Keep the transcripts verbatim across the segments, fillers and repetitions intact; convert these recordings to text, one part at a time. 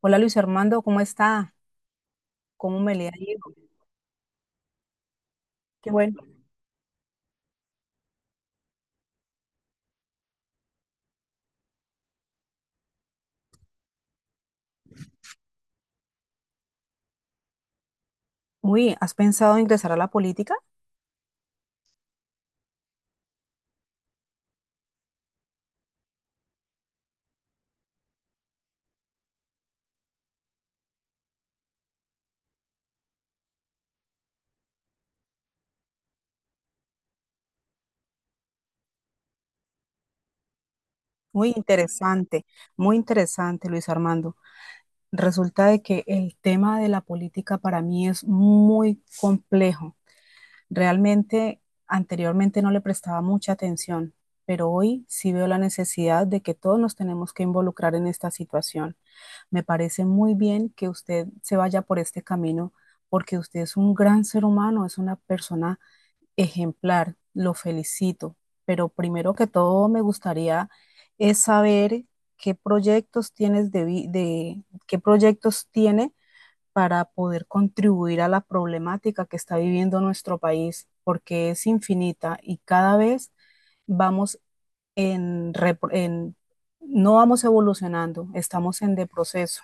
Hola Luis Armando, ¿cómo está? ¿Cómo me le ha ido? Qué bueno. Uy, ¿has pensado ingresar a la política? Muy interesante, muy interesante Luis Armando. Resulta de que el tema de la política para mí es muy complejo. Realmente anteriormente no le prestaba mucha atención, pero hoy sí veo la necesidad de que todos nos tenemos que involucrar en esta situación. Me parece muy bien que usted se vaya por este camino porque usted es un gran ser humano, es una persona ejemplar, lo felicito, pero primero que todo me gustaría es saber qué proyectos tienes de, vi- de- qué proyectos tiene para poder contribuir a la problemática que está viviendo nuestro país, porque es infinita y cada vez vamos en, repro- en- no vamos evolucionando, estamos en de proceso.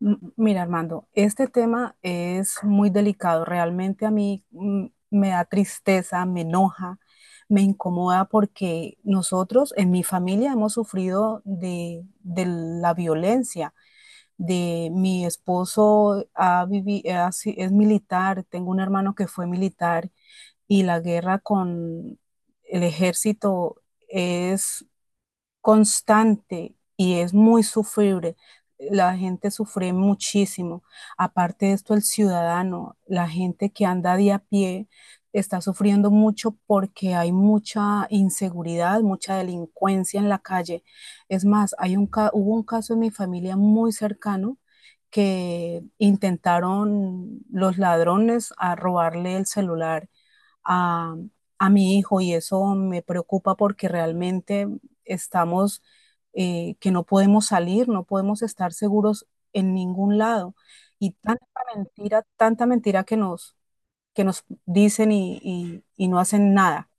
M- Mira, Armando, este tema es muy delicado. Realmente a mí mm, me da tristeza, me enoja, me incomoda porque nosotros en mi familia hemos sufrido de, de la violencia. De mi esposo ha vivi- ha si- es militar, tengo un hermano que fue militar y la guerra con el ejército es constante y es muy sufrible. La gente sufre muchísimo. Aparte de esto, el ciudadano, la gente que anda de a pie, está sufriendo mucho porque hay mucha inseguridad, mucha delincuencia en la calle. Es más, hay un, ca- hubo un caso en mi familia muy cercano que intentaron los ladrones a robarle el celular a, a mi hijo y eso me preocupa porque realmente estamos, eh, que no podemos salir, no podemos estar seguros en ningún lado. Y tanta mentira, tanta mentira que nos, que nos dicen y, y- y no hacen nada.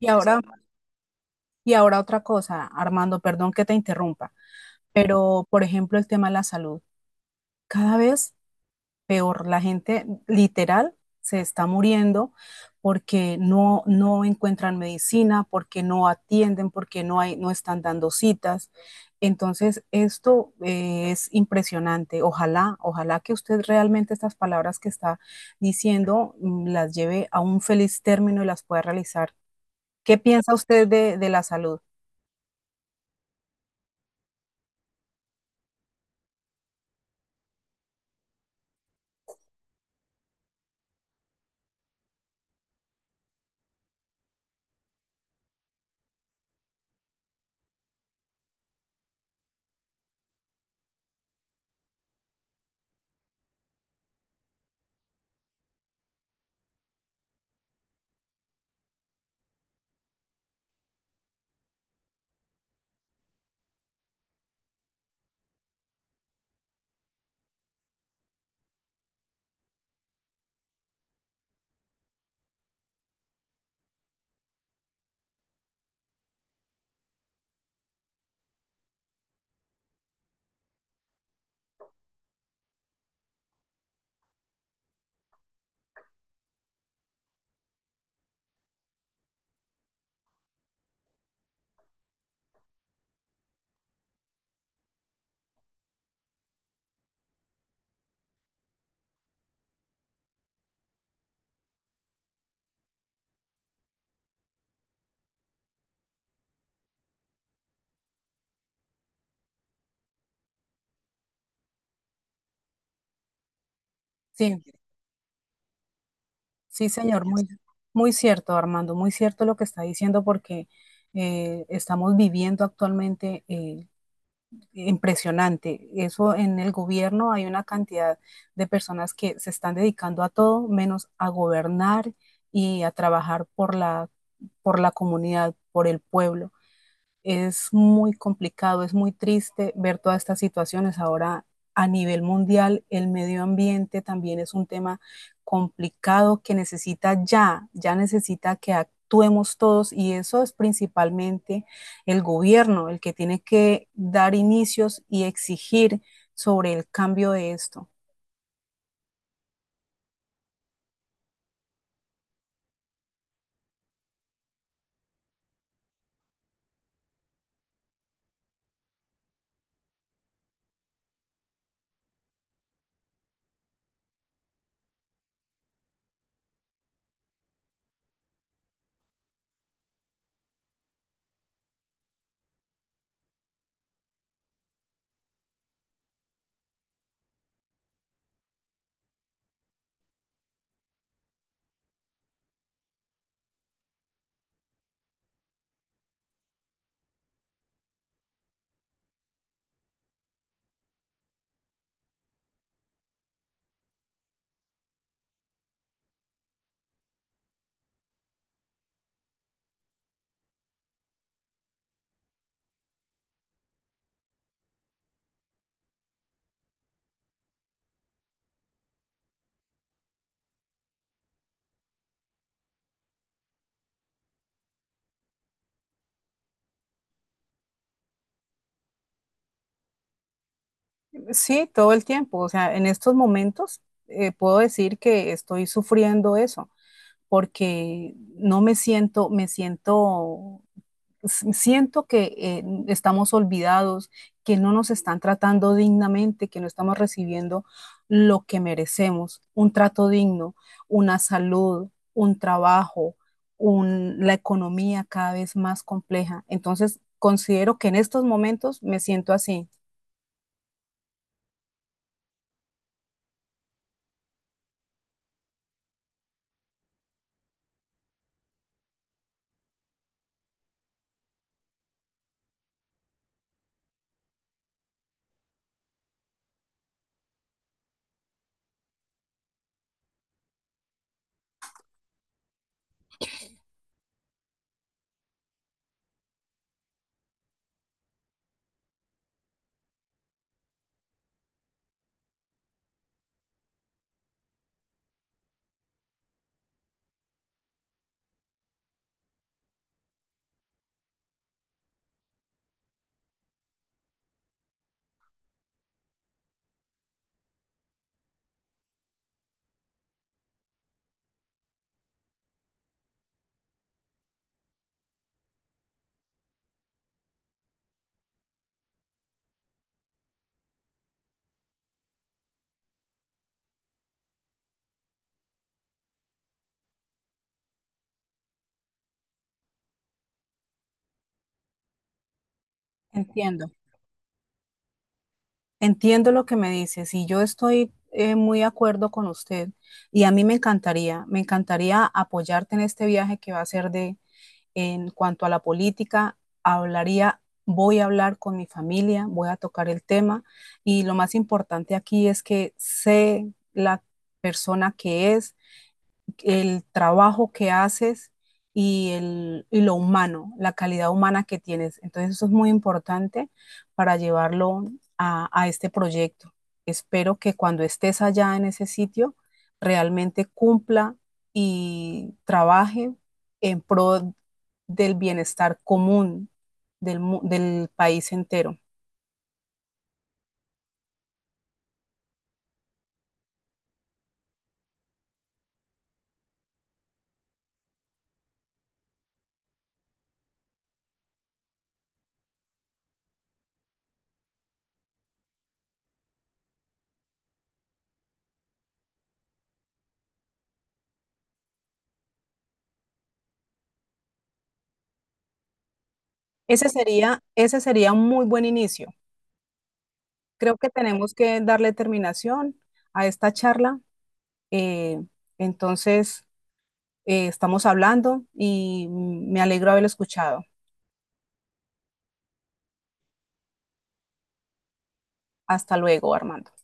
Y ahora, y ahora otra cosa, Armando, perdón que te interrumpa, pero por ejemplo el tema de la salud. Cada vez peor, la gente literal se está muriendo porque no, no encuentran medicina, porque no atienden, porque no, hay, no están dando citas. Entonces, esto eh, es impresionante. Ojalá, ojalá que usted realmente estas palabras que está diciendo mm, las lleve a un feliz término y las pueda realizar. ¿Qué piensa usted de, de la salud? Sí. Sí, señor, muy, muy cierto, Armando, muy cierto lo que está diciendo porque eh, estamos viviendo actualmente eh, impresionante. Eso en el gobierno hay una cantidad de personas que se están dedicando a todo menos a gobernar y a trabajar por la, por la comunidad, por el pueblo. Es muy complicado, es muy triste ver todas estas situaciones. Ahora a nivel mundial, el medio ambiente también es un tema complicado que necesita ya, ya necesita que actuemos todos y eso es principalmente el gobierno, el que tiene que dar inicios y exigir sobre el cambio de esto. Sí, todo el tiempo, o sea, en estos momentos eh, puedo decir que estoy sufriendo eso. Porque no me siento, me siento, s- siento que eh, estamos olvidados, que no nos están tratando dignamente, que no estamos recibiendo lo que merecemos, un trato digno, una salud, un trabajo, un- la economía cada vez más compleja. Entonces, considero que en estos momentos me siento así. Entiendo. Entiendo lo que me dices y yo estoy eh, muy de acuerdo con usted y a mí me encantaría, me encantaría apoyarte en este viaje que va a ser de, en cuanto a la política, hablaría, voy a hablar con mi familia, voy a tocar el tema y lo más importante aquí es que sé la persona que es, el trabajo que haces y, el, y lo humano, la calidad humana que tienes. Entonces eso es muy importante para llevarlo a, a este proyecto. Espero que cuando estés allá en ese sitio realmente cumpla y trabaje en pro del bienestar común del, del país entero. Ese sería, ese sería un muy buen inicio. Creo que tenemos que darle terminación a esta charla. Eh, entonces, eh, estamos hablando y me alegro haberlo escuchado. Hasta luego, Armando.